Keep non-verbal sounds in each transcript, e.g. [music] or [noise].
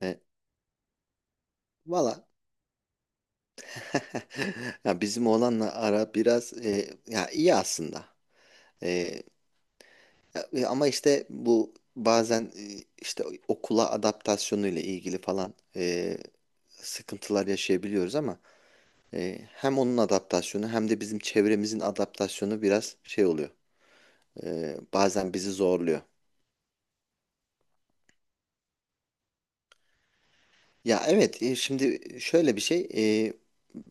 E, Valla [laughs] ya bizim oğlanla ara biraz ya iyi aslında. E, Ama işte bu bazen işte okula adaptasyonu ile ilgili falan sıkıntılar yaşayabiliyoruz ama hem onun adaptasyonu hem de bizim çevremizin adaptasyonu biraz şey oluyor. Bazen bizi zorluyor. Ya evet, şimdi şöyle bir şey, e,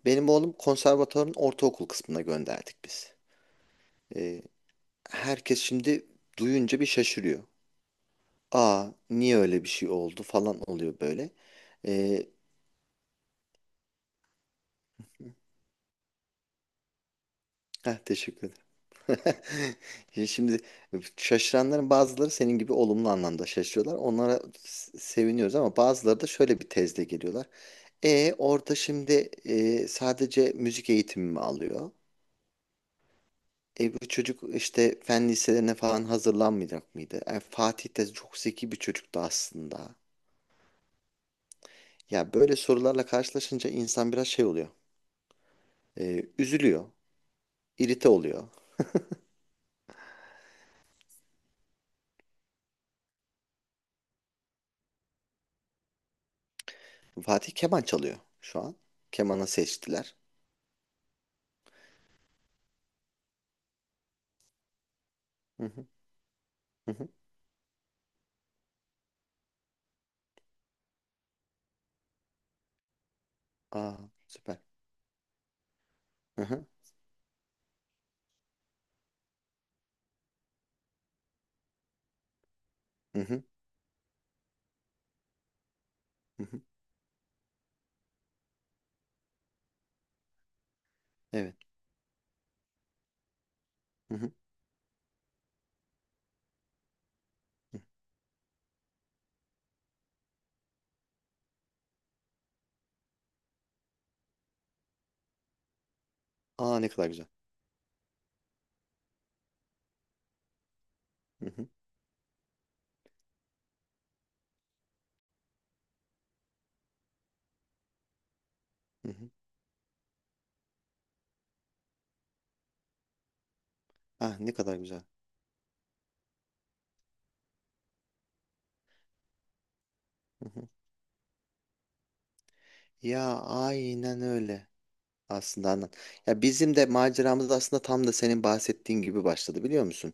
benim oğlum konservatuvarın ortaokul kısmına gönderdik biz. E, Herkes şimdi duyunca bir şaşırıyor. Aa, niye öyle bir şey oldu falan oluyor böyle. Ee, Teşekkür ederim. [laughs] Şimdi şaşıranların bazıları senin gibi olumlu anlamda şaşırıyorlar. Onlara seviniyoruz ama bazıları da şöyle bir tezle geliyorlar. Orada şimdi, sadece müzik eğitimi mi alıyor? Bu çocuk işte fen liselerine falan hazırlanmayacak mıydı? Fatih de çok zeki bir çocuktu aslında. Ya böyle sorularla karşılaşınca insan biraz şey oluyor. Üzülüyor, irite oluyor. Fatih keman çalıyor şu an. Kemanı seçtiler. Hı hı, hı hı. Aa, süper. Hı hı, hı hı, hı hı. Evet. Hı hı, hı. Aa, ne kadar güzel. Hı hı, hı hı. Ah, ne kadar güzel. Hı hı. Ya aynen öyle. Aslında anlat. Ya bizim de maceramız aslında tam da senin bahsettiğin gibi başladı, biliyor musun?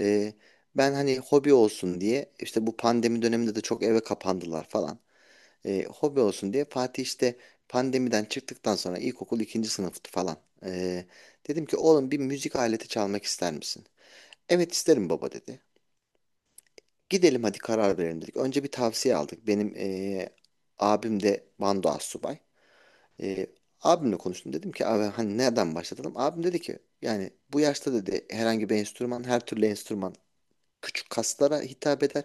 Ee, Ben hani hobi olsun diye işte bu pandemi döneminde de çok eve kapandılar falan. Hobi olsun diye Fatih işte pandemiden çıktıktan sonra ilkokul ikinci sınıftı falan. E, Dedim ki oğlum, bir müzik aleti çalmak ister misin? Evet isterim baba, dedi. Gidelim hadi karar verelim, dedik. Önce bir tavsiye aldık. Benim abim de bando astsubay. E, Abimle konuştum, dedim ki abi hani nereden başlatalım? Abim dedi ki yani bu yaşta dedi herhangi bir enstrüman, her türlü enstrüman küçük kaslara hitap eder.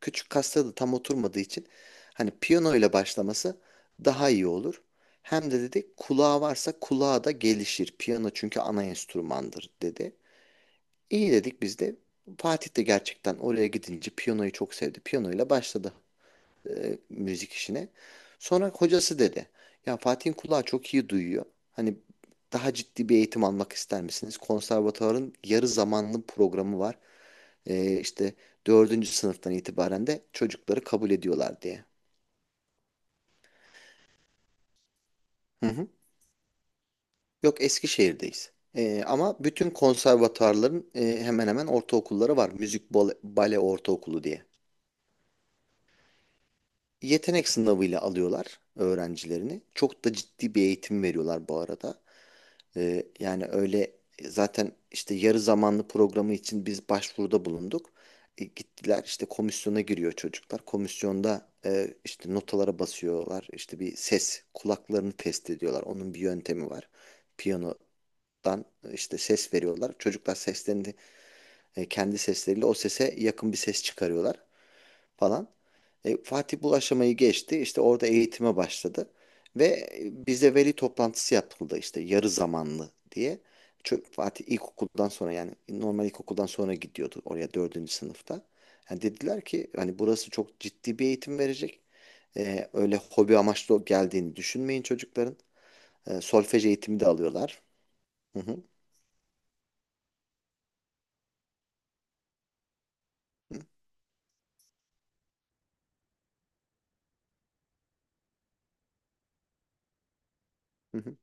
Küçük kasta da tam oturmadığı için hani piyano ile başlaması daha iyi olur. Hem de dedi kulağı varsa kulağı da gelişir. Piyano çünkü ana enstrümandır, dedi. İyi dedik biz de. Fatih de gerçekten oraya gidince piyanoyu çok sevdi. Piyano ile başladı müzik işine. Sonra hocası dedi. Ya Fatih'in kulağı çok iyi duyuyor. Hani daha ciddi bir eğitim almak ister misiniz? Konservatuvarın yarı zamanlı programı var, işte dördüncü sınıftan itibaren de çocukları kabul ediyorlar diye. Hı hı. Yok, Eskişehir'deyiz. Ama bütün konservatuarların hemen hemen ortaokulları var. Müzik bale, bale ortaokulu diye. Yetenek sınavıyla alıyorlar öğrencilerini. Çok da ciddi bir eğitim veriyorlar bu arada. Yani öyle, zaten işte yarı zamanlı programı için biz başvuruda bulunduk. Gittiler, işte komisyona giriyor çocuklar. Komisyonda, işte notalara basıyorlar. İşte bir ses kulaklarını test ediyorlar. Onun bir yöntemi var. Piyanodan, işte ses veriyorlar. Çocuklar seslerini, kendi sesleriyle o sese yakın bir ses çıkarıyorlar falan. Fatih bu aşamayı geçti. İşte orada eğitime başladı. Ve bize veli toplantısı yapıldı işte yarı zamanlı diye. Fatih ilkokuldan sonra, yani normal ilkokuldan sonra gidiyordu oraya dördüncü sınıfta. Yani dediler ki hani burası çok ciddi bir eğitim verecek. Öyle hobi amaçlı geldiğini düşünmeyin çocukların. Solfej eğitimi de alıyorlar. Hı hı, hı, hı hı.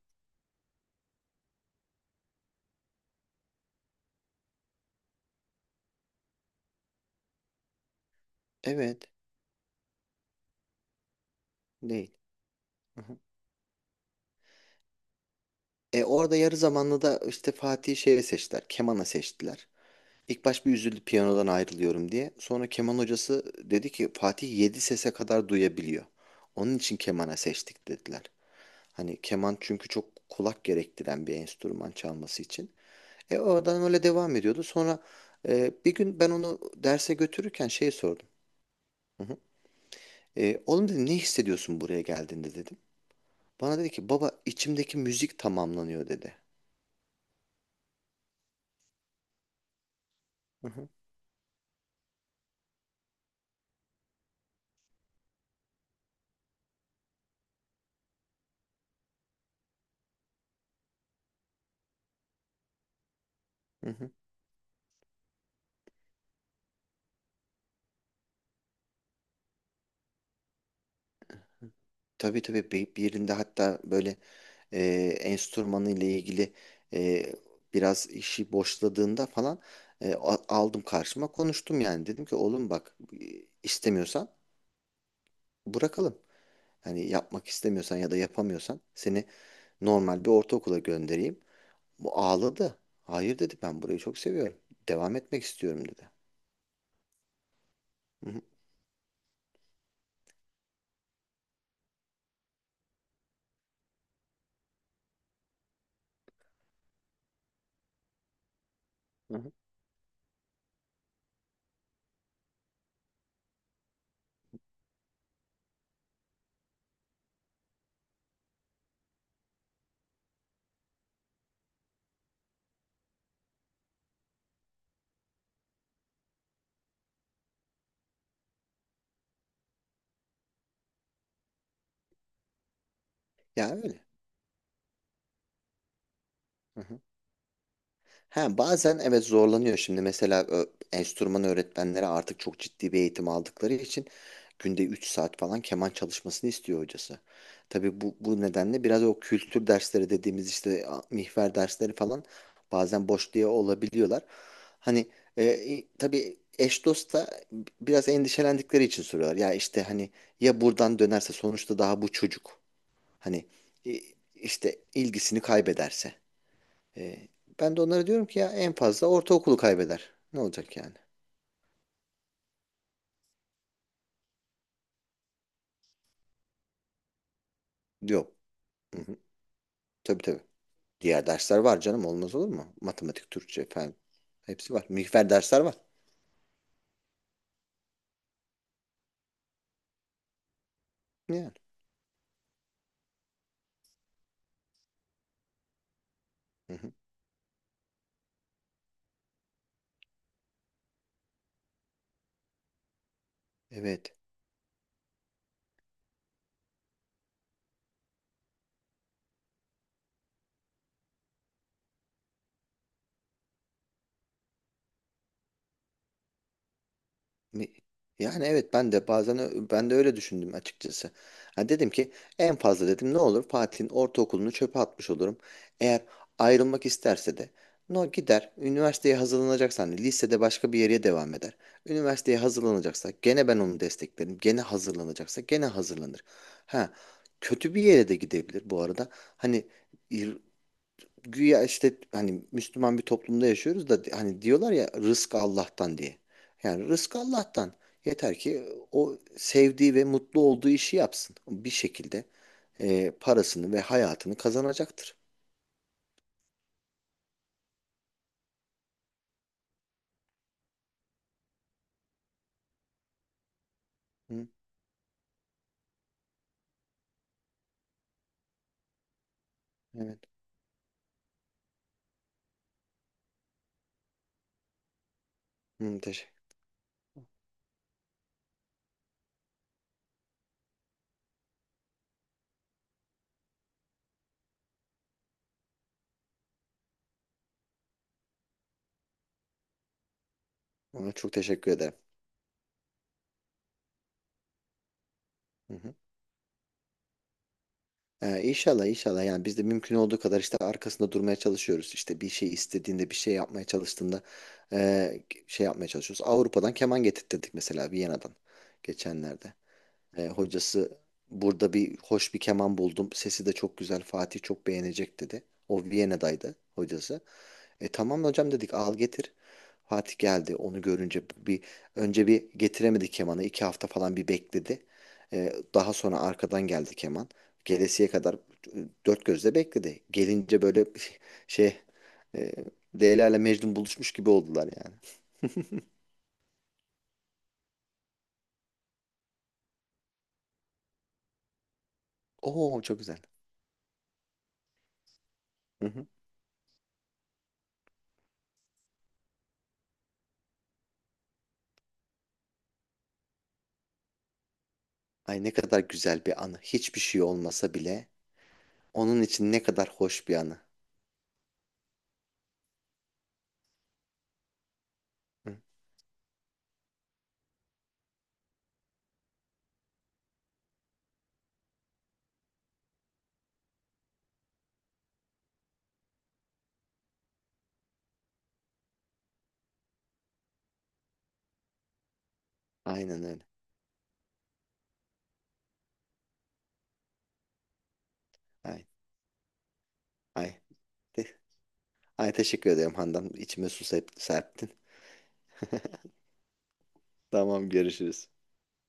Evet değil. Hı hı. Orada yarı zamanlı da işte Fatih'i şeye seçtiler. Kemana seçtiler. İlk baş bir üzüldü, piyanodan ayrılıyorum diye. Sonra keman hocası dedi ki Fatih 7 sese kadar duyabiliyor. Onun için kemana seçtik, dediler. Hani keman çünkü çok kulak gerektiren bir enstrüman, çalması için. Oradan öyle devam ediyordu. Sonra bir gün ben onu derse götürürken şey sordum. Hı hı. Oğlum dedi ne hissediyorsun buraya geldiğinde dedim. Bana dedi ki baba içimdeki müzik tamamlanıyor, dedi. Hı hı. Hı hı. Tabii tabii, bir yerinde hatta böyle e, enstrümanı ile ilgili, e, biraz işi boşladığında falan aldım karşıma konuştum yani dedim ki oğlum bak, e, istemiyorsan bırakalım. Hani yapmak istemiyorsan ya da yapamıyorsan seni normal bir ortaokula göndereyim. Bu ağladı. Hayır dedi, ben burayı çok seviyorum. Devam etmek istiyorum, dedi. Hı hı, hı hı. Ya öyle. Hı hı. Ha, bazen evet zorlanıyor şimdi mesela enstrüman öğretmenleri artık çok ciddi bir eğitim aldıkları için günde 3 saat falan keman çalışmasını istiyor hocası. Tabii bu nedenle biraz o kültür dersleri dediğimiz işte mihver dersleri falan bazen boş diye olabiliyorlar. Hani tabii eş dost da biraz endişelendikleri için soruyorlar. Ya işte hani ya buradan dönerse sonuçta daha bu çocuk hani e, işte ilgisini kaybederse. E, Ben de onlara diyorum ki ya en fazla ortaokulu kaybeder. Ne olacak yani? Yok. Hı hı. Tabii tabii. Diğer dersler var canım, olmaz olur mu? Matematik, Türkçe falan hepsi var. Mikfer dersler var. Yani. Hı hı. Evet. Mi- Yani evet ben de bazen ben de öyle düşündüm açıkçası. Ha dedim ki en fazla dedim ne olur Fatih'in ortaokulunu çöpe atmış olurum. Eğer ayrılmak isterse de no gider üniversiteye hazırlanacaksa hani lisede başka bir yere devam eder. Üniversiteye hazırlanacaksa gene ben onu desteklerim. Gene hazırlanacaksa gene hazırlanır. Ha, kötü bir yere de gidebilir bu arada. Hani güya işte hani Müslüman bir toplumda yaşıyoruz da hani diyorlar ya rızk Allah'tan diye. Yani rızk Allah'tan. Yeter ki o sevdiği ve mutlu olduğu işi yapsın. Bir şekilde parasını ve hayatını kazanacaktır. Hı, evet. Hı, teşekkür. Ona çok teşekkür ederim. Hı hı. İnşallah inşallah yani biz de mümkün olduğu kadar işte arkasında durmaya çalışıyoruz. İşte bir şey istediğinde, bir şey yapmaya çalıştığında şey yapmaya çalışıyoruz. Avrupa'dan keman getirttirdik mesela, Viyana'dan geçenlerde. Hocası burada bir hoş bir keman buldum. Sesi de çok güzel. Fatih çok beğenecek, dedi. O Viyana'daydı, hocası. Tamam hocam dedik, al getir. Fatih geldi. Onu görünce bir önce bir getiremedi kemanı. 2 hafta falan bir bekledi. Daha sonra arkadan geldi keman. Gelesiye kadar dört gözle bekledi. Gelince böyle [laughs] şey e, Leyla ile Mecnun buluşmuş gibi oldular yani. Oo, çok güzel. Hı hı. Ay, ne kadar güzel bir anı. Hiçbir şey olmasa bile onun için ne kadar hoş bir anı. Hı, aynen öyle. Ay, ay, ay, teşekkür ederim Handan. İçime su serptin. Tamam görüşürüz.